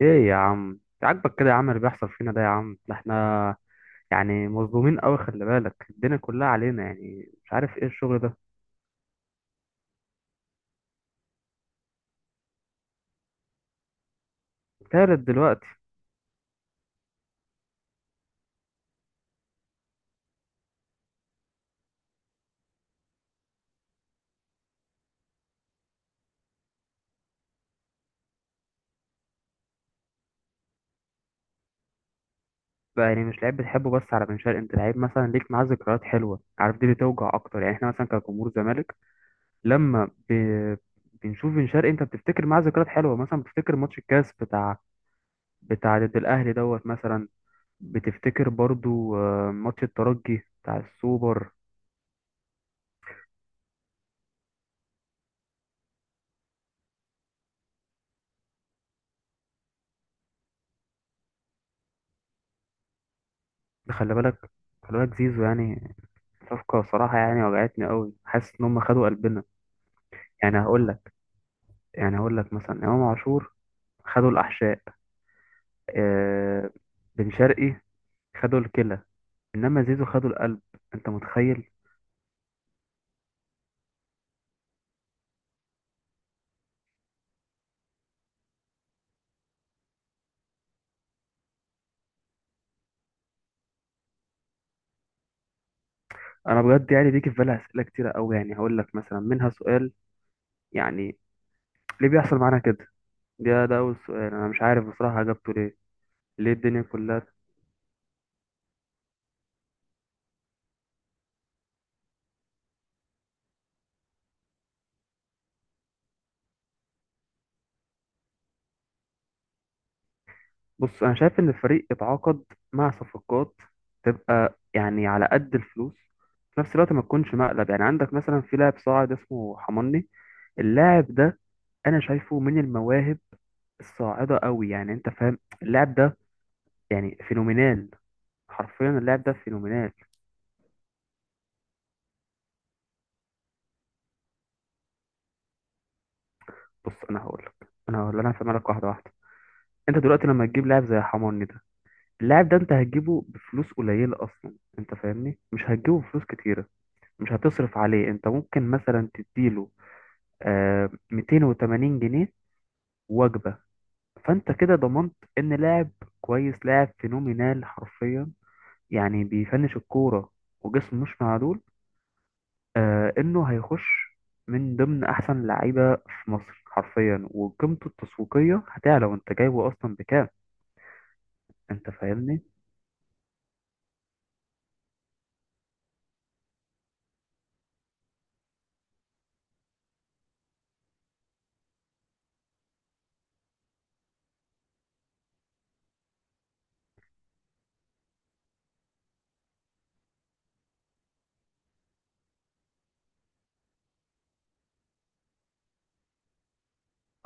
ايه يا عم، عاجبك كده يا عم اللي بيحصل فينا ده؟ يا عم ده احنا يعني مظلومين قوي. خلي بالك الدنيا كلها علينا، يعني مش عارف ايه الشغل ده. تالت دلوقتي؟ بقى يعني مش لعيب بتحبه بس، على بن شرقي انت لعيب مثلا ليك معاه ذكريات حلوه، عارف دي بتوجع اكتر، يعني احنا مثلا كجمهور زمالك لما ب... بنشوف بن شرقي انت بتفتكر معاه ذكريات حلوه، مثلا بتفتكر ماتش الكاس بتاع ضد الاهلي دوت مثلا، بتفتكر برضو ماتش الترجي بتاع السوبر ده. خلي بالك زيزو يعني صفقة صراحة يعني وجعتني قوي، حاسس إن هم خدوا قلبنا. يعني هقول لك يعني هقول لك مثلا إمام عاشور خدوا الأحشاء، آه، بن شرقي خدوا الكلى، إنما زيزو خدوا القلب. أنت متخيل؟ أنا بجد يعني بيجي في بالي أسئلة كتيرة قوي، يعني هقول لك مثلا منها سؤال، يعني ليه بيحصل معانا كده؟ ده أول سؤال أنا مش عارف بصراحة أجابته. ليه الدنيا كلها؟ بص انا شايف ان الفريق يتعاقد مع صفقات تبقى يعني على قد الفلوس، في نفس الوقت ما تكونش مقلب. يعني عندك مثلا في لاعب صاعد اسمه حماني، اللاعب ده انا شايفه من المواهب الصاعده قوي، يعني انت فاهم اللاعب ده يعني فينومينال، حرفيا اللاعب ده فينومينال. بص انا هقول لك، انا هفهمها لك واحده واحده. انت دلوقتي لما تجيب لاعب زي حماني ده، اللاعب ده انت هتجيبه بفلوس قليله اصلا، انت فاهمني مش هتجيبه بفلوس كتيره، مش هتصرف عليه. انت ممكن مثلا تديله 280 جنيه وجبة، فانت كده ضمنت ان لاعب كويس، لاعب فينومينال حرفيا، يعني بيفنش الكورة وجسمه مش معدول، انه هيخش من ضمن احسن لعيبة في مصر حرفيا، وقيمته التسويقية هتعلى وانت جايبه اصلا بكام؟ انت فاهمني.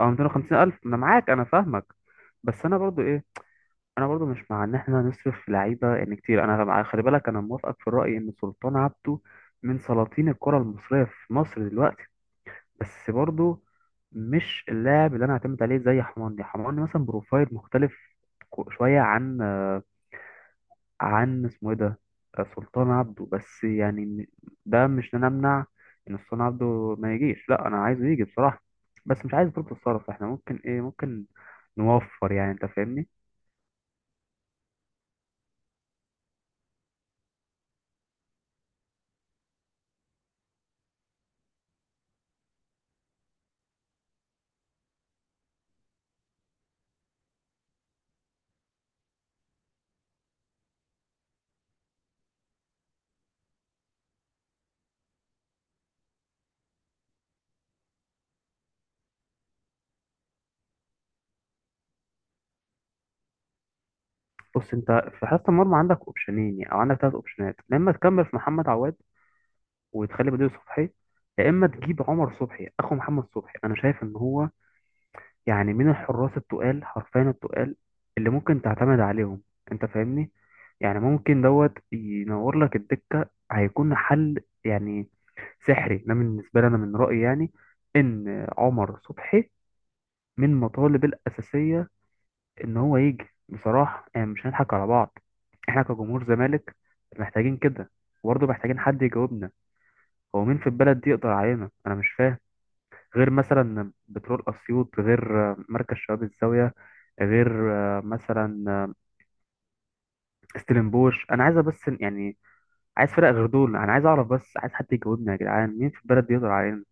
اه، 250 الف، انا معاك، انا فاهمك. بس انا برضو ايه، انا برضو مش مع ان احنا نصرف في لعيبه ان كتير. خلي بالك انا موافقك في الراي ان سلطان عبده من سلاطين الكره المصريه في مصر دلوقتي، بس برضو مش اللاعب اللي انا اعتمد عليه زي حماني. حماني مثلا بروفايل مختلف شويه عن عن اسمه ايه ده، سلطان عبده. بس يعني ده مش إن انا امنع ان سلطان عبده ما يجيش، لا انا عايزه يجي بصراحه. بس مش عايز برضه تصرف، احنا ممكن ايه، ممكن نوفر يعني، انت فاهمني. بص انت في حراسة المرمى عندك اوبشنين، يعني او عندك ثلاث اوبشنات، يا اما تكمل في محمد عواد وتخلي بديله صبحي، يا اما تجيب عمر صبحي اخو محمد صبحي. انا شايف ان هو يعني من الحراس التقال، حرفيا التقال، اللي ممكن تعتمد عليهم. انت فاهمني، يعني ممكن دوت ينور لك الدكة، هيكون حل يعني سحري ده بالنسبة لي. انا من رأيي يعني ان عمر صبحي من المطالب الأساسية ان هو يجي بصراحه. يعني مش هنضحك على بعض، احنا كجمهور زمالك محتاجين كده، وبرضه محتاجين حد يجاوبنا: هو مين في البلد دي يقدر علينا؟ انا مش فاهم، غير مثلا بترول اسيوط، غير مركز شباب الزاويه، غير آه، مثلا آه، ستيلنبوش، انا عايزه بس يعني. عايز فرق غير دول، انا عايز اعرف بس، عايز حد يجاوبني يا جدعان مين في البلد دي يقدر علينا؟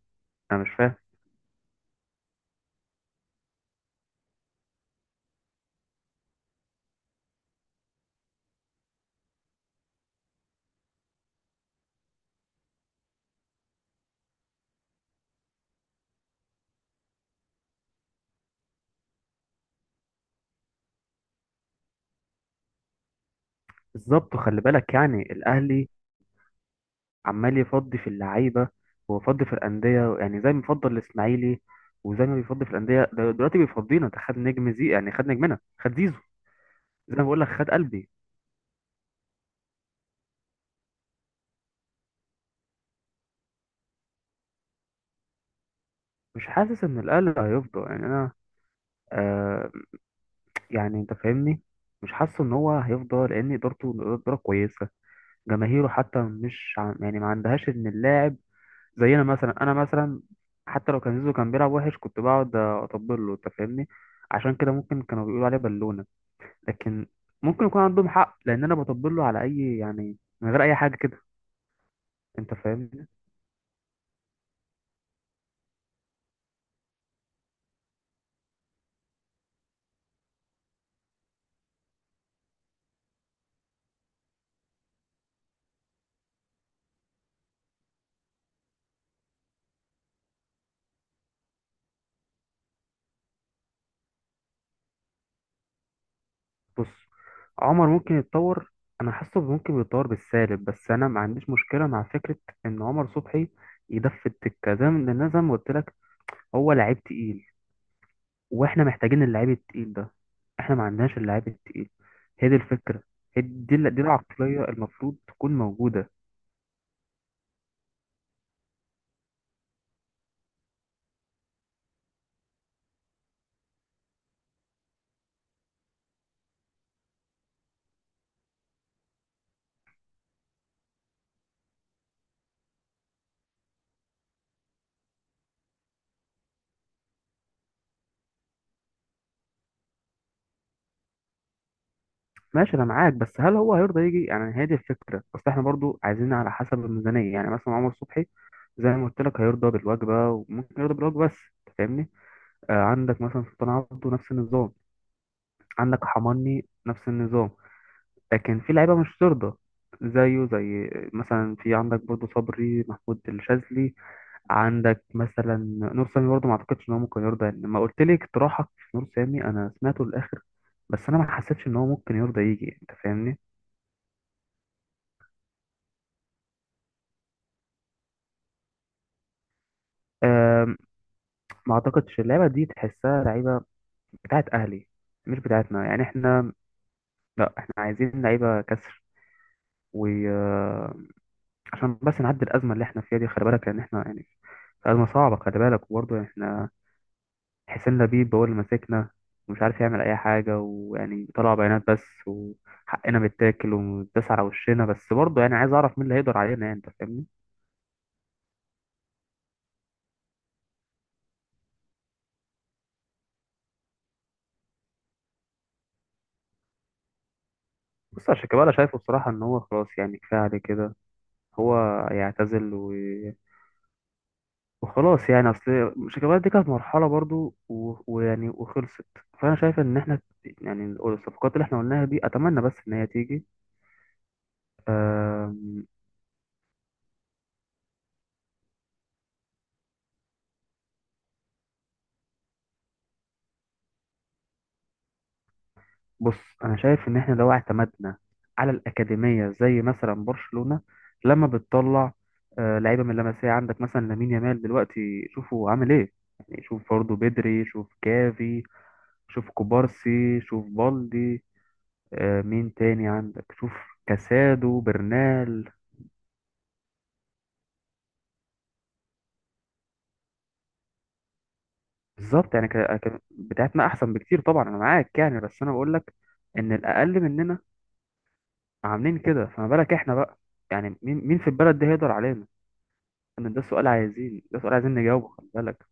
انا مش فاهم. بالظبط. وخلي بالك يعني الاهلي عمال يفضي في اللعيبه ويفضي في الانديه، يعني زي ما بيفضل الاسماعيلي، وزي ما بيفضي في الانديه ده دلوقتي بيفضينا ده، خد نجم زي يعني، خد نجمنا، خد زيزو، زي ما بقول لك خد قلبي. مش حاسس ان الاهلي هيفضى يعني، انا آه، يعني انت فاهمني مش حاسس ان هو هيفضى، لان ادارته اداره كويسه، جماهيره حتى مش يعني ما عندهاش ان اللاعب زينا مثلا. انا مثلا حتى لو كان زيزو كان بيلعب وحش كنت بقعد اطبل له، انت فاهمني، عشان كده ممكن كانوا بيقولوا عليه بالونه. لكن ممكن يكون عندهم حق، لان انا بطبل له على اي يعني، من غير اي حاجه كده، انت فاهمني. بص عمر ممكن يتطور، انا حاسه ممكن بيتطور بالسالب، بس انا ما عنديش مشكله مع فكره ان عمر صبحي يدف التكه، زي ما، لأن أنا زي ما قلت لك هو لعيب تقيل، واحنا محتاجين اللعيب التقيل ده، احنا ما عندناش اللعيب التقيل. هي دي الفكره، هي دي دي العقليه المفروض تكون موجوده. ماشي انا معاك. بس هل هو هيرضى يجي؟ يعني هي دي الفكره، بس احنا برضو عايزين على حسب الميزانيه. يعني مثلا عمر صبحي زي ما قلت لك هيرضى بالوجبة، وممكن يرضى بالوجبة بس، أنت فاهمني. آه، عندك مثلا سلطان عبده نفس النظام، عندك حماني نفس النظام، لكن في لعيبة مش ترضى زيه، زي مثلا في عندك برضه صبري محمود الشاذلي. عندك مثلا نور سامي برضه، ما اعتقدش ان هو ممكن يرضى، يعني لما قلت لي اقتراحك في نور سامي انا سمعته للاخر، بس انا ما حسيتش ان هو ممكن يرضى يجي، انت فاهمني. آم، ما اعتقدش اللعبه دي تحسها لعيبه بتاعت اهلي، مش بتاعتنا يعني احنا، لا احنا عايزين لعيبه كسر، وعشان بس نعدي الازمه اللي احنا فيها دي. خلي بالك لان احنا يعني في ازمه صعبه، خلي بالك. وبرضه احنا حسين لبيب هو اللي ماسكنا، ومش عارف يعمل اي حاجه، ويعني طلع بيانات بس، وحقنا بيتاكل ومتداس على وشنا. بس برضه يعني عايز اعرف مين اللي هيقدر علينا، يعني انت فاهمني. بص يا شيكابالا شايفه بصراحه ان هو خلاص يعني، كفايه عليه كده، هو يعتزل وخلاص يعني. اصل شيكابالا دي كانت مرحله برضو ويعني وخلصت. فانا شايف ان احنا يعني الصفقات اللي احنا قلناها دي اتمنى بس ان هي تيجي. أم، بص انا شايف ان احنا لو اعتمدنا على الاكاديميه زي مثلا برشلونه لما بتطلع لعيبه من لمسيه. عندك مثلا لامين يامال دلوقتي، شوفوا عامل ايه يعني، شوف برضه بدري، شوف كافي، شوف كوبارسي، شوف بالدي، مين تاني عندك، شوف كاسادو برنال. بالظبط، يعني بتاعتنا احسن بكتير طبعا، انا معاك يعني. بس انا بقول لك ان الاقل مننا عاملين كده، فما بالك احنا بقى، يعني مين مين في البلد دي هيقدر علينا؟ ان ده سؤال عايزين، ده سؤال عايزين نجاوبه، خلي بالك.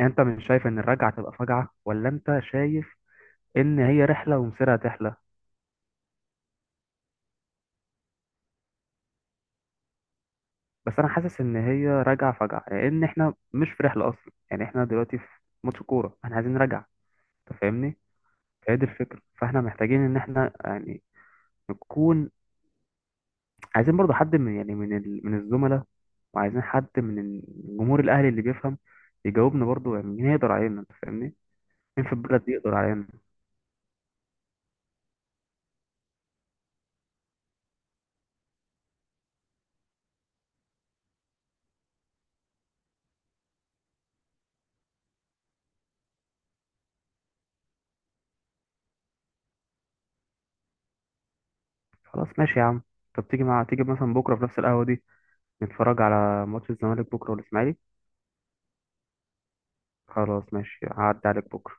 يعني انت مش شايف ان الرجعه تبقى فجعه؟ ولا انت شايف ان هي رحله ومصيرها تحلى؟ بس انا حاسس ان هي راجعه فجعه، لان احنا مش في رحله اصلا، يعني احنا دلوقتي في ماتش كوره، احنا عايزين رجعه، انت فاهمني. فهي دي الفكره، فاحنا محتاجين ان احنا يعني نكون، عايزين برضو حد من يعني من الزملاء، وعايزين حد من الجمهور الاهلي اللي بيفهم يجاوبنا برضو. يعني مين يقدر علينا؟ انت فاهمني. مين في البلد دي يقدر علينا؟ خلاص ماشي يا عم. طب تيجي، تيجي مثلا بكره في نفس القهوه دي، نتفرج على ماتش الزمالك بكره والاسماعيلي. خلاص ماشي، هعدي عليك بكره.